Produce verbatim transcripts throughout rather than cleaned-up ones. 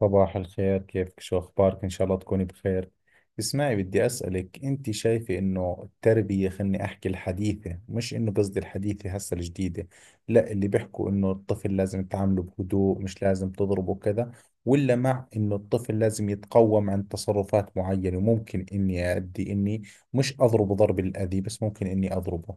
صباح الخير، كيفك؟ شو أخبارك؟ إن شاء الله تكوني بخير. اسمعي، بدي أسألك، أنت شايفة إنه التربية، خلني أحكي الحديثة، مش إنه قصدي الحديثة هسه الجديدة، لا، اللي بيحكوا إنه الطفل لازم تعامله بهدوء، مش لازم تضربه كذا، ولا مع إنه الطفل لازم يتقوم عن تصرفات معينة، وممكن إني أدي إني مش أضربه ضرب الأذى، بس ممكن إني أضربه.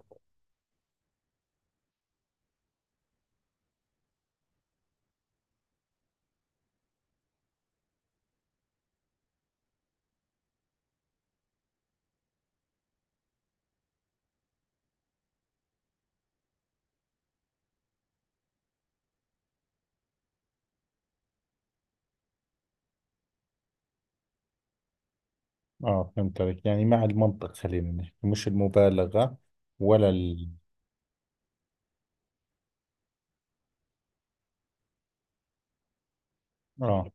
آه، فهمت عليك، يعني مع المنطق خلينا نحكي، مش المبالغة، ولا ال... آه،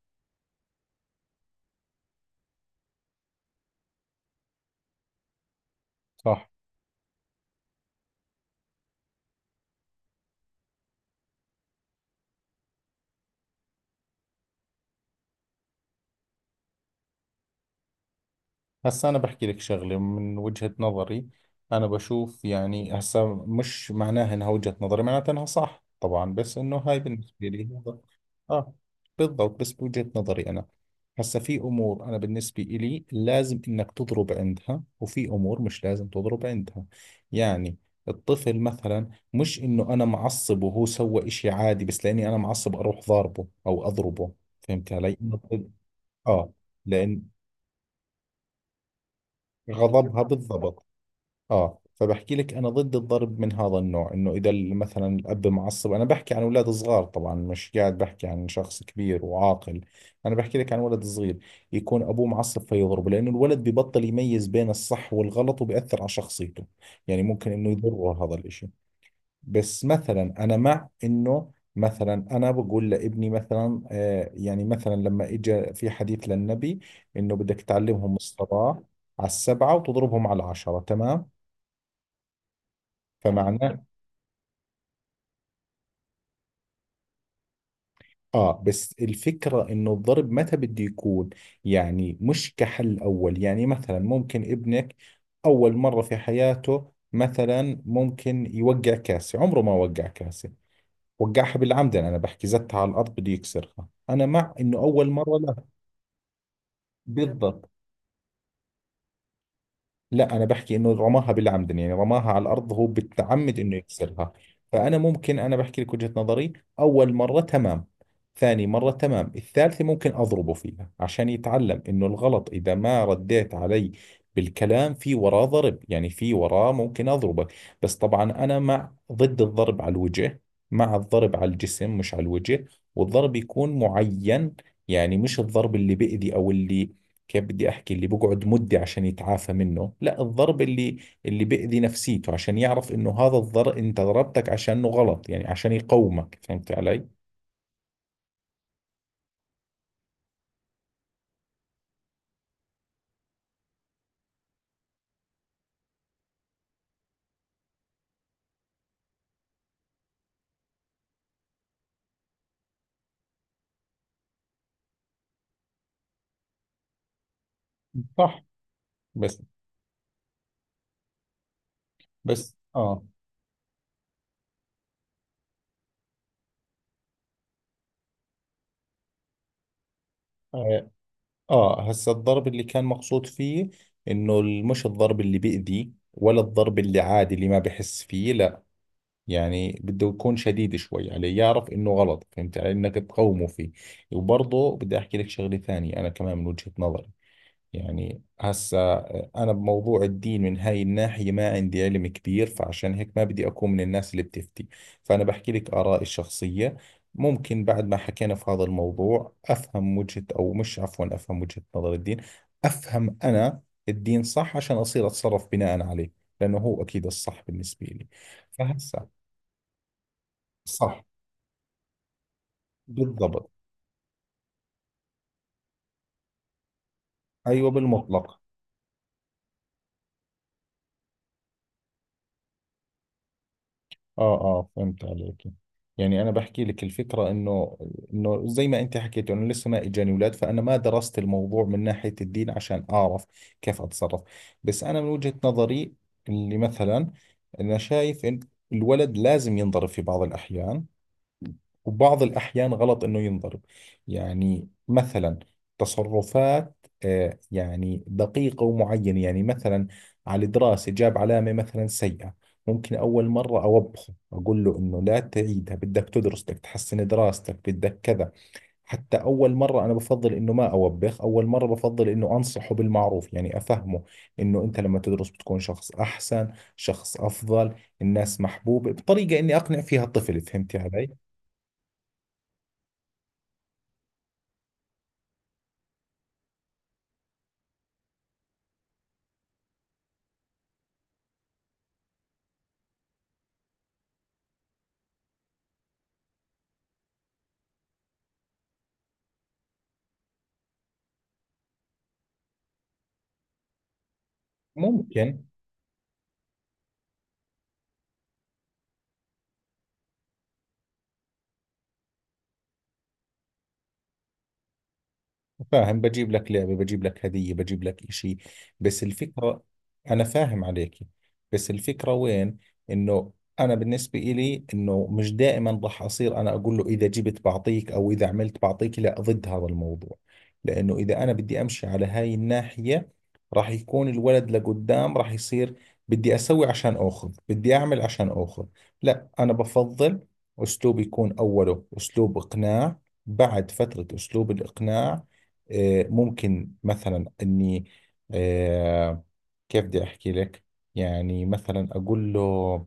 صح. هسا أنا بحكي لك شغلة من وجهة نظري. أنا بشوف، يعني هسا مش معناها إنها وجهة نظري معناتها إنها صح طبعا، بس إنه هاي بالنسبة لي هذا- آه، بالضبط، بس بوجهة نظري أنا. هسا في أمور أنا بالنسبة إلي لازم إنك تضرب عندها، وفي أمور مش لازم تضرب عندها. يعني الطفل مثلا، مش إنه أنا معصب وهو سوى إشي عادي بس لأني أنا معصب أروح ضاربه أو أضربه. فهمت علي؟ آه، لأن غضبها بالضبط. اه، فبحكي لك انا ضد الضرب من هذا النوع، انه اذا ال- مثلا الاب معصب، انا بحكي عن اولاد صغار طبعا، مش قاعد بحكي عن شخص كبير وعاقل، انا بحكي لك عن ولد صغير، يكون ابوه معصب فيضربه، لانه الولد ببطل يميز بين الصح والغلط، وبأثر على شخصيته، يعني ممكن انه يضره هذا الاشي. بس مثلا انا مع انه، مثلا انا بقول لابني مثلا، آه يعني مثلا لما اجى في حديث للنبي انه بدك تعلمهم الصلاة على السبعة وتضربهم على العشرة، تمام؟ فمعناه، اه، بس الفكرة انه الضرب متى بده يكون، يعني مش كحل اول. يعني مثلا ممكن ابنك اول مرة في حياته مثلا ممكن يوقع كاسة، عمره ما وقع كاسة، وقعها بالعمد، انا بحكي زتها على الارض بده يكسرها، انا مع انه اول مرة لا. بالضبط. لا انا بحكي انه رماها بالعمد، يعني رماها على الارض هو بالتعمد انه يكسرها. فانا ممكن، انا بحكي لك وجهة نظري، اول مرة تمام، ثاني مرة تمام، الثالثة ممكن اضربه فيها عشان يتعلم انه الغلط، اذا ما رديت علي بالكلام في وراه ضرب، يعني في وراه ممكن اضربك. بس طبعا انا مع ضد الضرب على الوجه، مع الضرب على الجسم مش على الوجه، والضرب يكون معين، يعني مش الضرب اللي بيأذي او اللي، كيف بدي احكي، اللي بقعد مده عشان يتعافى منه، لا، الضرب اللي اللي بيأذي نفسيته، عشان يعرف انه هذا الضرب انت ضربتك عشانه غلط، يعني عشان يقومك. فهمت علي؟ صح. بس بس اه، اه، آه، هسا الضرب اللي كان مقصود فيه انه ال- مش الضرب اللي بيأذي، ولا الضرب اللي عادي اللي ما بحس فيه، لا، يعني بده يكون شديد شوي عليه، يعرف انه غلط، فهمت علي، انك تقومه فيه. وبرضه بدي احكي لك شغلة ثانية انا كمان من وجهة نظري. يعني هسا آه، أنا بموضوع الدين من هاي الناحية ما عندي علم كبير، فعشان هيك ما بدي أكون من الناس اللي بتفتي، فأنا بحكي لك آرائي الشخصية. ممكن بعد ما حكينا في هذا الموضوع أفهم وجهة، أو مش، عفوا، أفهم وجهة نظر الدين، أفهم أنا الدين صح، عشان أصير أتصرف بناء عليه، لأنه هو أكيد الصح بالنسبة لي. فهسا، صح، بالضبط. أيوة، بالمطلق. اه اه، فهمت عليك. يعني انا بحكي لك الفكره، انه انه زي ما انت حكيت انه لسه ما اجاني اولاد، فانا ما درست الموضوع من ناحيه الدين عشان اعرف كيف اتصرف. بس انا من وجهه نظري اللي مثلا، انا شايف ان الولد لازم ينضرب في بعض الاحيان، وبعض الأحيان غلط إنه ينضرب. يعني مثلا تصرفات، آه، يعني دقيقة ومعينة، يعني مثلا على دراسة جاب علامة مثلا سيئة، ممكن أول مرة أوبخه، أقول له إنه لا تعيدها، بدك تدرس، بدك تحسن دراستك، بدك كذا. حتى أول مرة أنا بفضل إنه ما أوبخ، أول مرة بفضل إنه أنصحه بالمعروف، يعني أفهمه إنه أنت لما تدرس بتكون شخص أحسن، شخص أفضل، الناس محبوبة، بطريقة إني أقنع فيها الطفل. فهمتي علي؟ ممكن. فاهم، بجيب لك لعبة، بجيب لك هدية، بجيب لك إشي، بس الفكرة، أنا فاهم عليك، بس الفكرة وين، إنه أنا بالنسبة إلي إنه مش دائما راح أصير أنا أقول له إذا جبت بعطيك، أو إذا عملت بعطيك، لا، ضد هذا الموضوع. لأنه إذا أنا بدي أمشي على هاي الناحية راح يكون الولد لقدام راح يصير بدي أسوي عشان أخذ، بدي أعمل عشان أخذ. لا أنا بفضل أسلوب يكون أوله أسلوب إقناع، بعد فترة أسلوب الإقناع، آه، ممكن مثلا اني، آه، كيف بدي احكي لك، يعني مثلا اقول له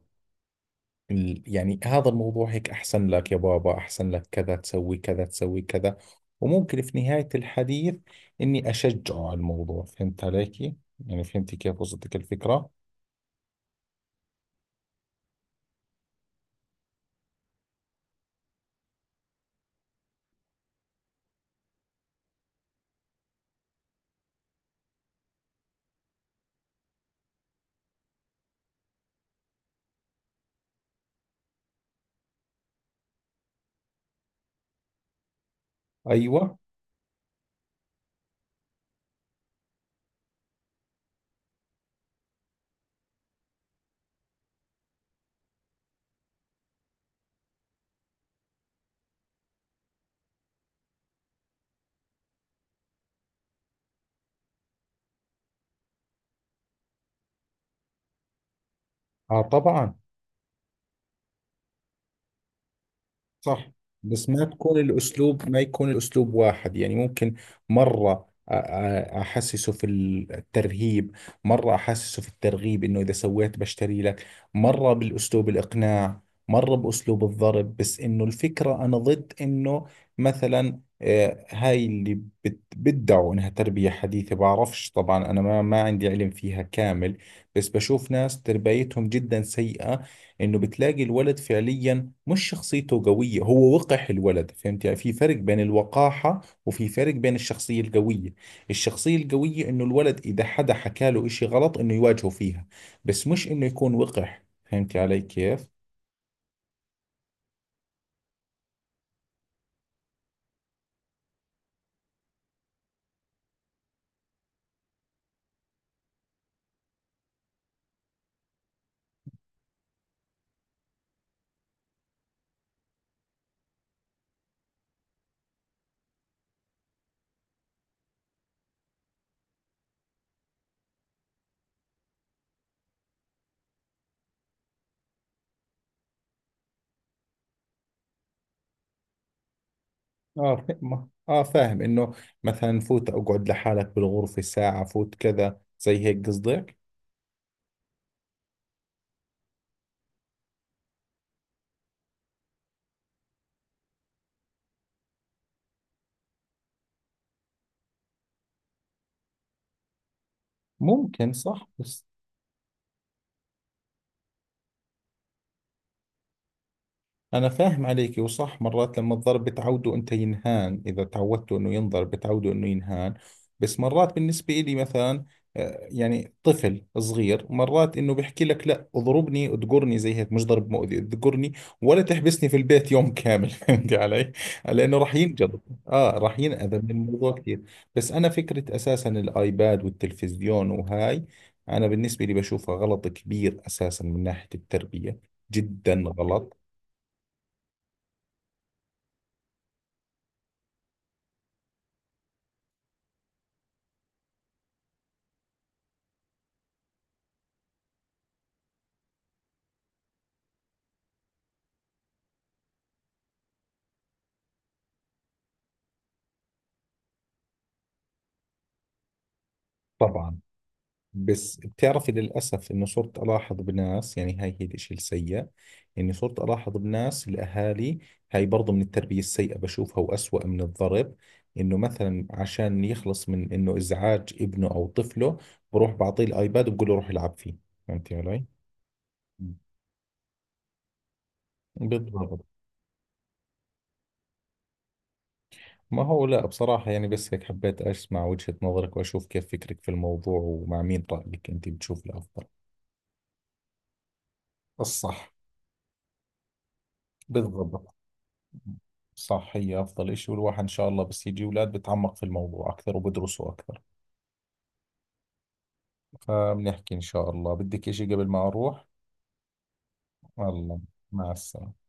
ال- يعني هذا الموضوع هيك احسن لك يا بابا، احسن لك كذا، تسوي كذا تسوي كذا. وممكن في نهاية الحديث اني اشجعه على الموضوع. فهمت عليكي؟ يعني فهمتي كيف وصلتك الفكرة. ايوه. اه طبعا. صح، بس ما تكون الأسلوب، ما يكون الأسلوب واحد، يعني ممكن مرة أ- أ- أحسسه في الترهيب، مرة أحسسه في الترغيب إنه إذا سويت بشتري لك، مرة بالأسلوب الإقناع، مرة بأسلوب الضرب، بس إنه الفكرة أنا ضد إنه مثلا، آه، هاي اللي بت- بدعوا إنها تربية حديثة، بعرفش طبعا، أنا ما ما عندي علم فيها كامل، بس بشوف ناس تربيتهم جدا سيئة، إنه بتلاقي الولد فعليا مش شخصيته قوية، هو وقح الولد، فهمت يعني؟ في فرق بين الوقاحة وفي فرق بين الشخصية القوية. الشخصية القوية انه الولد اذا حدا حكى له اشي غلط انه يواجهه فيها، بس مش انه يكون وقح. فهمت علي كيف؟ اه فاهم اه فاهم انه مثلا فوت اقعد لحالك بالغرفة ساعة، فوت كذا زي هيك قصدك. ممكن، صح. بس أنا فاهم عليك، وصح، مرات لما الضرب بتعوده أنت ينهان، إذا تعودته أنه ينضرب بتعوده أنه ينهان. بس مرات بالنسبة إلي مثلا، آه، يعني طفل صغير مرات أنه بيحكي لك لا اضربني اذقرني زي هيك، مش ضرب مؤذي، اذقرني ولا تحبسني في البيت يوم كامل فهمتي علي؟ لأنه راح ينجلط، آه راح ينأذى من الموضوع كثير. بس أنا فكرة أساسا الآيباد والتلفزيون وهاي، أنا بالنسبة لي بشوفها غلط كبير أساسا من ناحية التربية، جدا غلط. طبعا. بس بتعرفي للأسف إنه صرت ألاحظ بناس، يعني هاي هي الإشي السيء، إني صرت ألاحظ بناس الأهالي، هاي برضو من التربية السيئة بشوفها، وأسوأ من الضرب، إنه مثلا عشان يخلص من إنه إزعاج ابنه أو طفله بروح بعطيه الآيباد وبقول له روح العب فيه. فهمتي علي؟ بالضبط. ما هو لا بصراحة، يعني بس هيك حبيت أسمع وجهة نظرك وأشوف كيف فكرك في الموضوع ومع مين رأيك أنت بتشوف الأفضل. الصح بالضبط. صح، هي أفضل إشي، والواحد إن شاء الله بس يجي أولاد بتعمق في الموضوع أكثر وبدرسوا أكثر. فبنحكي. إن شاء الله، بدك إشي قبل ما أروح؟ الله. مع السلامة.